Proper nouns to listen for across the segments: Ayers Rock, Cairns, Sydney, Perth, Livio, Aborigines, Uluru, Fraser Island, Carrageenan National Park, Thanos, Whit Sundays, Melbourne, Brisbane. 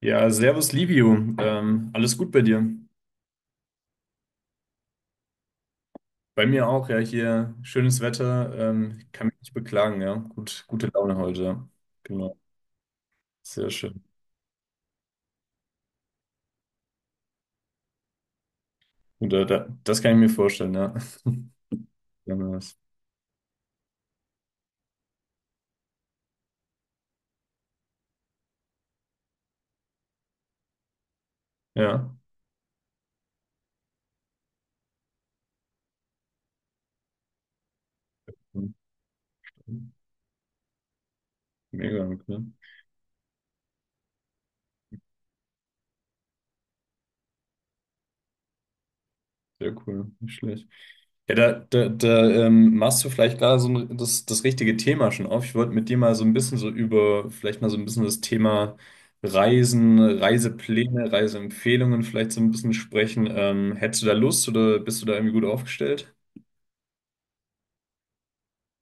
Ja, servus Livio, alles gut bei dir? Bei mir auch, ja, hier schönes Wetter, kann mich nicht beklagen, ja, gut, gute Laune heute, ja. Genau, sehr schön. Und das kann ich mir vorstellen, ja. Ja, nice. Ja. Mega, okay. Sehr cool, nicht schlecht. Ja, da, da, da machst du vielleicht gerade so ein, das richtige Thema schon auf. Ich wollte mit dir mal so ein bisschen so über, vielleicht mal so ein bisschen das Thema Reisen, Reisepläne, Reiseempfehlungen vielleicht so ein bisschen sprechen. Hättest du da Lust oder bist du da irgendwie gut aufgestellt?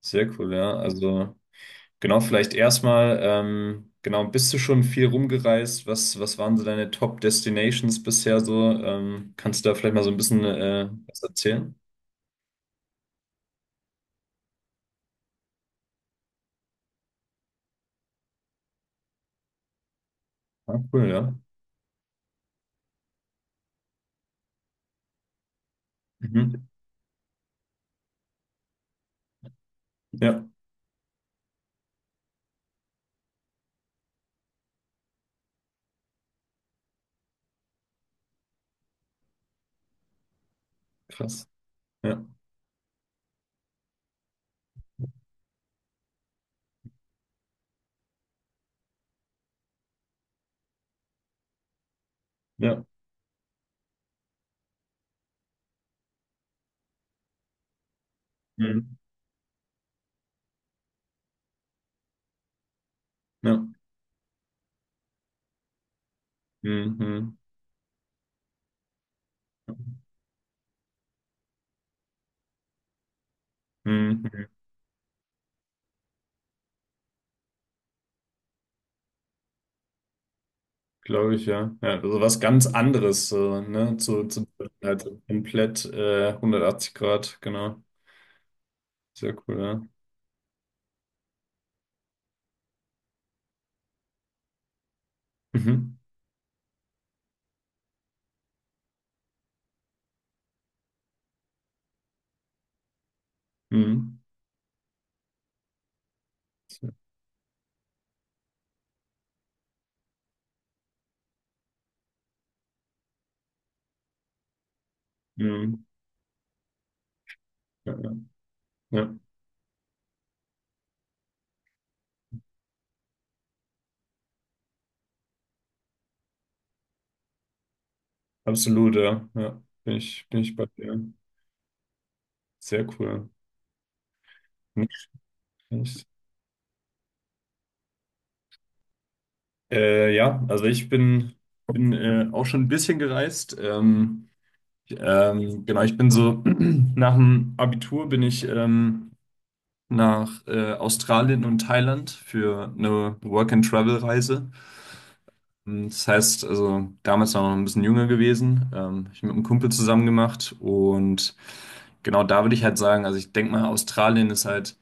Sehr cool, ja. Also genau, vielleicht erstmal, genau, bist du schon viel rumgereist? Was waren so deine Top Destinations bisher so? Kannst du da vielleicht mal so ein bisschen was erzählen? Ah, cool, ja. Mhm. Ja, krass. Ja. Ja. Mhm. Ja. Mhm. Mhm. Mhm. Glaube ich, ja. Ja, also was ganz anderes, so, ne? Zu halt komplett 180 Grad, genau. Sehr cool, ja. Mhm. Mhm. Mhm. Ja, ja. Ja. Absolut, ja. Ja. Bin ich bei dir. Sehr cool. Nicht ja, also ich bin auch schon ein bisschen gereist. Genau, ich bin so nach dem Abitur bin ich nach Australien und Thailand für eine Work-and-Travel-Reise. Und das heißt, also damals war ich noch ein bisschen jünger gewesen, hab mit einem Kumpel zusammen gemacht und genau. Da würde ich halt sagen, also ich denke mal, Australien ist halt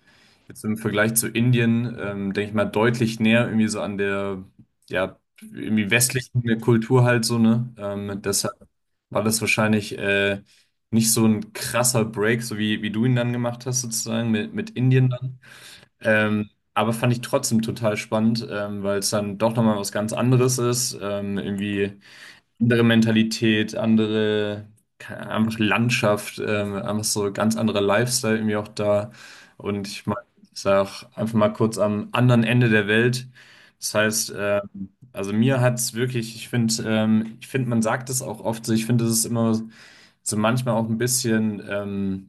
jetzt im Vergleich zu Indien, denke ich mal, deutlich näher irgendwie so an der, ja, irgendwie westlichen Kultur halt so, ne? Deshalb war das wahrscheinlich nicht so ein krasser Break, so wie du ihn dann gemacht hast, sozusagen mit Indien dann. Aber fand ich trotzdem total spannend, weil es dann doch nochmal was ganz anderes ist. Irgendwie andere Mentalität, andere, keine Ahnung, einfach Landschaft, einfach so ganz anderer Lifestyle irgendwie auch da. Und ich meine, ich sag einfach mal, kurz am anderen Ende der Welt. Das heißt, also mir hat es wirklich, ich finde, man sagt es auch oft so, ich finde, es ist immer so manchmal auch ein bisschen.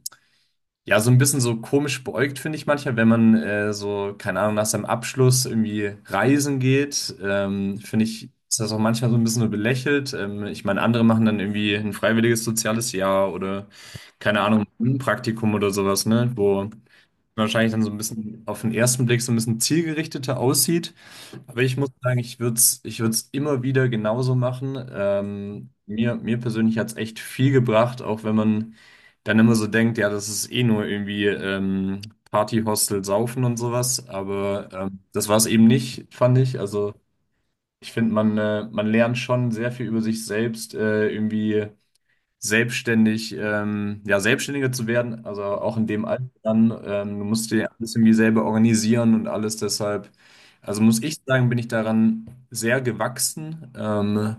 Ja, so ein bisschen so komisch beäugt finde ich manchmal, wenn man so, keine Ahnung, nach seinem Abschluss irgendwie reisen geht, finde ich, ist das auch manchmal so ein bisschen nur belächelt. Ich meine, andere machen dann irgendwie ein freiwilliges soziales Jahr oder, keine Ahnung, ein Praktikum oder sowas, ne, wo wahrscheinlich dann so ein bisschen auf den ersten Blick so ein bisschen zielgerichteter aussieht. Aber ich muss sagen, ich würde es ich würd's immer wieder genauso machen. Mir persönlich hat es echt viel gebracht, auch wenn man dann immer so denkt, ja, das ist eh nur irgendwie Party-Hostel, Saufen und sowas. Aber das war es eben nicht, fand ich. Also ich finde, man lernt schon sehr viel über sich selbst, irgendwie selbstständig, ja, selbstständiger zu werden, also auch in dem Alter dann. Du musst dir alles irgendwie selber organisieren und alles, deshalb, also muss ich sagen, bin ich daran sehr gewachsen.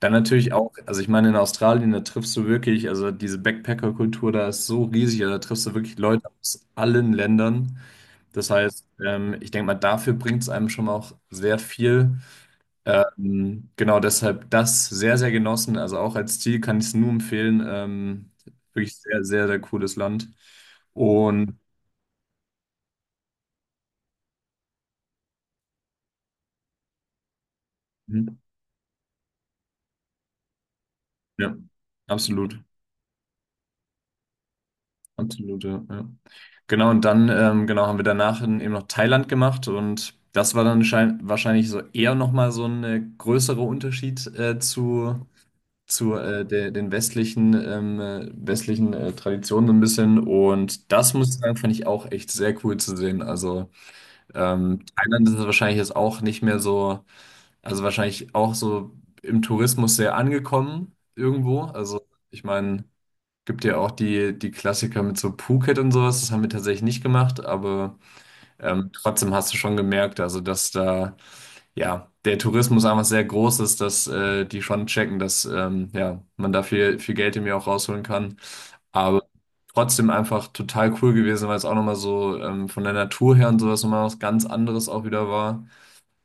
Dann natürlich auch, also ich meine, in Australien, da triffst du wirklich, also diese Backpacker-Kultur, da ist so riesig, also da triffst du wirklich Leute aus allen Ländern. Das heißt, ich denke mal, dafür bringt es einem schon auch sehr viel. Genau, deshalb das sehr, sehr genossen. Also auch als Ziel kann ich es nur empfehlen. Wirklich sehr, sehr, sehr cooles Land. Und mhm, ja, absolut. Absolut, ja. Ja. Genau, und dann genau, haben wir danach in, eben noch Thailand gemacht und das war dann schein wahrscheinlich so eher nochmal so ein größerer Unterschied den westlichen, westlichen Traditionen so ein bisschen. Und das muss ich sagen, fand ich auch echt sehr cool zu sehen. Also Thailand ist wahrscheinlich jetzt auch nicht mehr so, also wahrscheinlich auch so im Tourismus sehr angekommen irgendwo. Also ich meine, gibt ja auch die Klassiker mit so Phuket und sowas, das haben wir tatsächlich nicht gemacht, aber trotzdem hast du schon gemerkt, also dass da ja der Tourismus einfach sehr groß ist, dass die schon checken, dass ja, man da viel, viel Geld irgendwie auch rausholen kann. Aber trotzdem einfach total cool gewesen, weil es auch nochmal so von der Natur her und sowas nochmal was ganz anderes auch wieder war.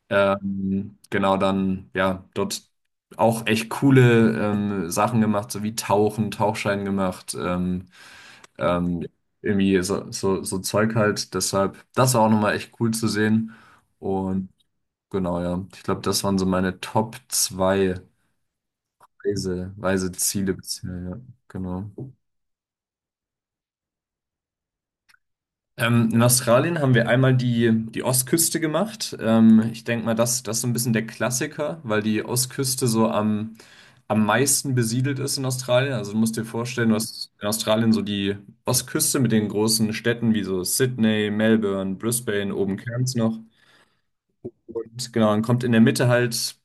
Genau, dann, ja, dort auch echt coole Sachen gemacht, so wie Tauchen, Tauchschein gemacht, ähm, irgendwie so Zeug halt. Deshalb, das war auch nochmal echt cool zu sehen. Und genau, ja, ich glaube, das waren so meine Top 2 Reiseziele bisher, ja, genau. In Australien haben wir einmal die Ostküste gemacht. Ich denke mal, das ist so ein bisschen der Klassiker, weil die Ostküste so am, am meisten besiedelt ist in Australien. Also du musst dir vorstellen, du hast in Australien so die Ostküste mit den großen Städten wie so Sydney, Melbourne, Brisbane, oben Cairns noch. Und genau, dann kommt in der Mitte halt.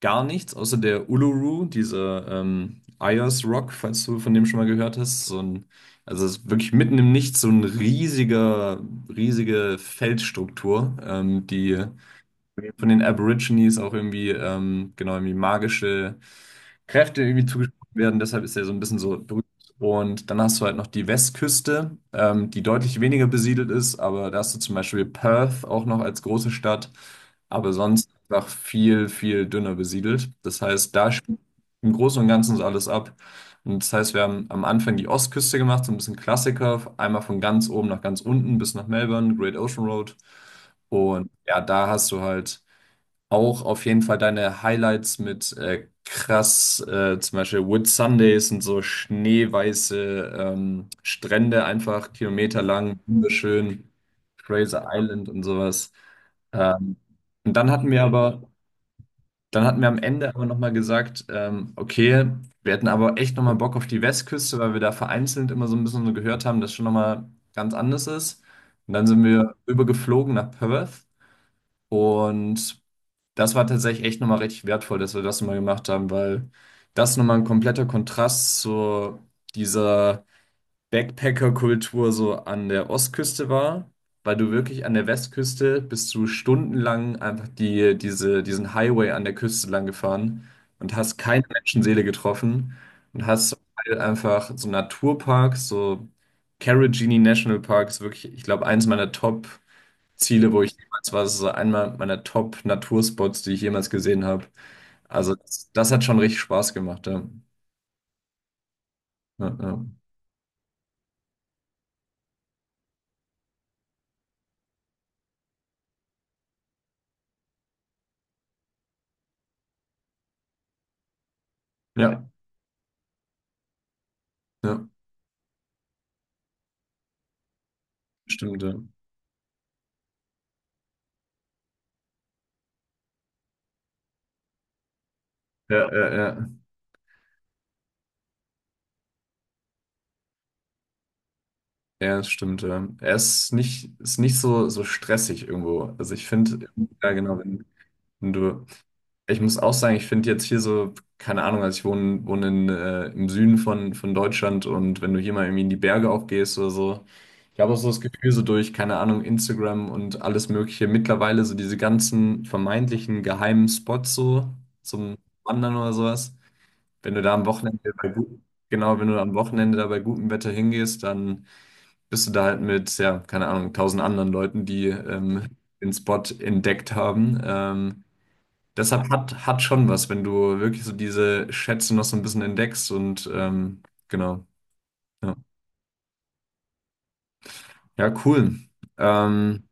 Gar nichts, außer der Uluru, diese Ayers Rock, falls du von dem schon mal gehört hast. So ein, also es ist wirklich mitten im Nichts so ein riesiger, riesige Felsstruktur, die von den Aborigines auch irgendwie, genau, irgendwie magische Kräfte irgendwie zugesprochen werden. Deshalb ist er so ein bisschen so berühmt. Und dann hast du halt noch die Westküste, die deutlich weniger besiedelt ist, aber da hast du zum Beispiel Perth auch noch als große Stadt, aber sonst einfach viel, viel dünner besiedelt. Das heißt, da spielt im Großen und Ganzen so alles ab. Und das heißt, wir haben am Anfang die Ostküste gemacht, so ein bisschen Klassiker, einmal von ganz oben nach ganz unten bis nach Melbourne, Great Ocean Road. Und ja, da hast du halt auch auf jeden Fall deine Highlights mit krass, zum Beispiel Whit Sundays und so schneeweiße Strände, einfach kilometerlang, wunderschön, Fraser Island und sowas. Ähm, und dann hatten wir aber, dann hatten wir am Ende aber nochmal gesagt, okay, wir hätten aber echt nochmal Bock auf die Westküste, weil wir da vereinzelt immer so ein bisschen so gehört haben, dass schon nochmal ganz anders ist. Und dann sind wir übergeflogen nach Perth und das war tatsächlich echt nochmal richtig wertvoll, dass wir das nochmal gemacht haben, weil das nochmal ein kompletter Kontrast zu dieser Backpacker-Kultur so an der Ostküste war, weil du wirklich an der Westküste bist du stundenlang einfach diesen Highway an der Küste lang gefahren und hast keine Menschenseele getroffen und hast zum Teil einfach so Naturparks, so Carrageenan National Park ist wirklich, ich glaube, eins meiner Top-Ziele, wo ich jemals war, das ist so einmal meiner Top-Naturspots, die ich jemals gesehen habe. Also das hat schon richtig Spaß gemacht, ja. Ja, ja, ja, ja, stimmt, ja. Ja, ja, ja. Ja, das stimmt. Ja. Er ist nicht so, so stressig irgendwo. Also ich finde, ja genau, wenn, wenn du, ich muss auch sagen, ich finde jetzt hier so, keine Ahnung, also ich wohne in, im Süden von Deutschland und wenn du hier mal irgendwie in die Berge auch gehst oder so, ich habe auch so das Gefühl, so durch, keine Ahnung, Instagram und alles Mögliche, mittlerweile so diese ganzen vermeintlichen geheimen Spots so zum Wandern oder sowas, wenn du da am Wochenende bei gut, genau, wenn du am Wochenende da bei gutem Wetter hingehst, dann bist du da halt mit, ja, keine Ahnung, tausend anderen Leuten, die den Spot entdeckt haben. Deshalb hat schon was, wenn du wirklich so diese Schätze noch so ein bisschen entdeckst und genau. Ja, ja cool. Ähm,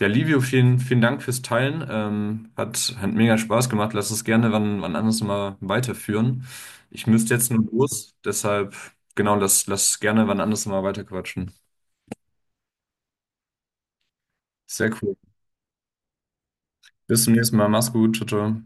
ja, Livio, vielen, vielen Dank fürs Teilen. Hat mega Spaß gemacht. Lass uns gerne wann anders mal weiterführen. Ich müsste jetzt nur los, deshalb, genau, lass gerne wann anders mal weiterquatschen. Sehr cool. Bis zum nächsten Mal. Mach's gut. Ciao, ciao.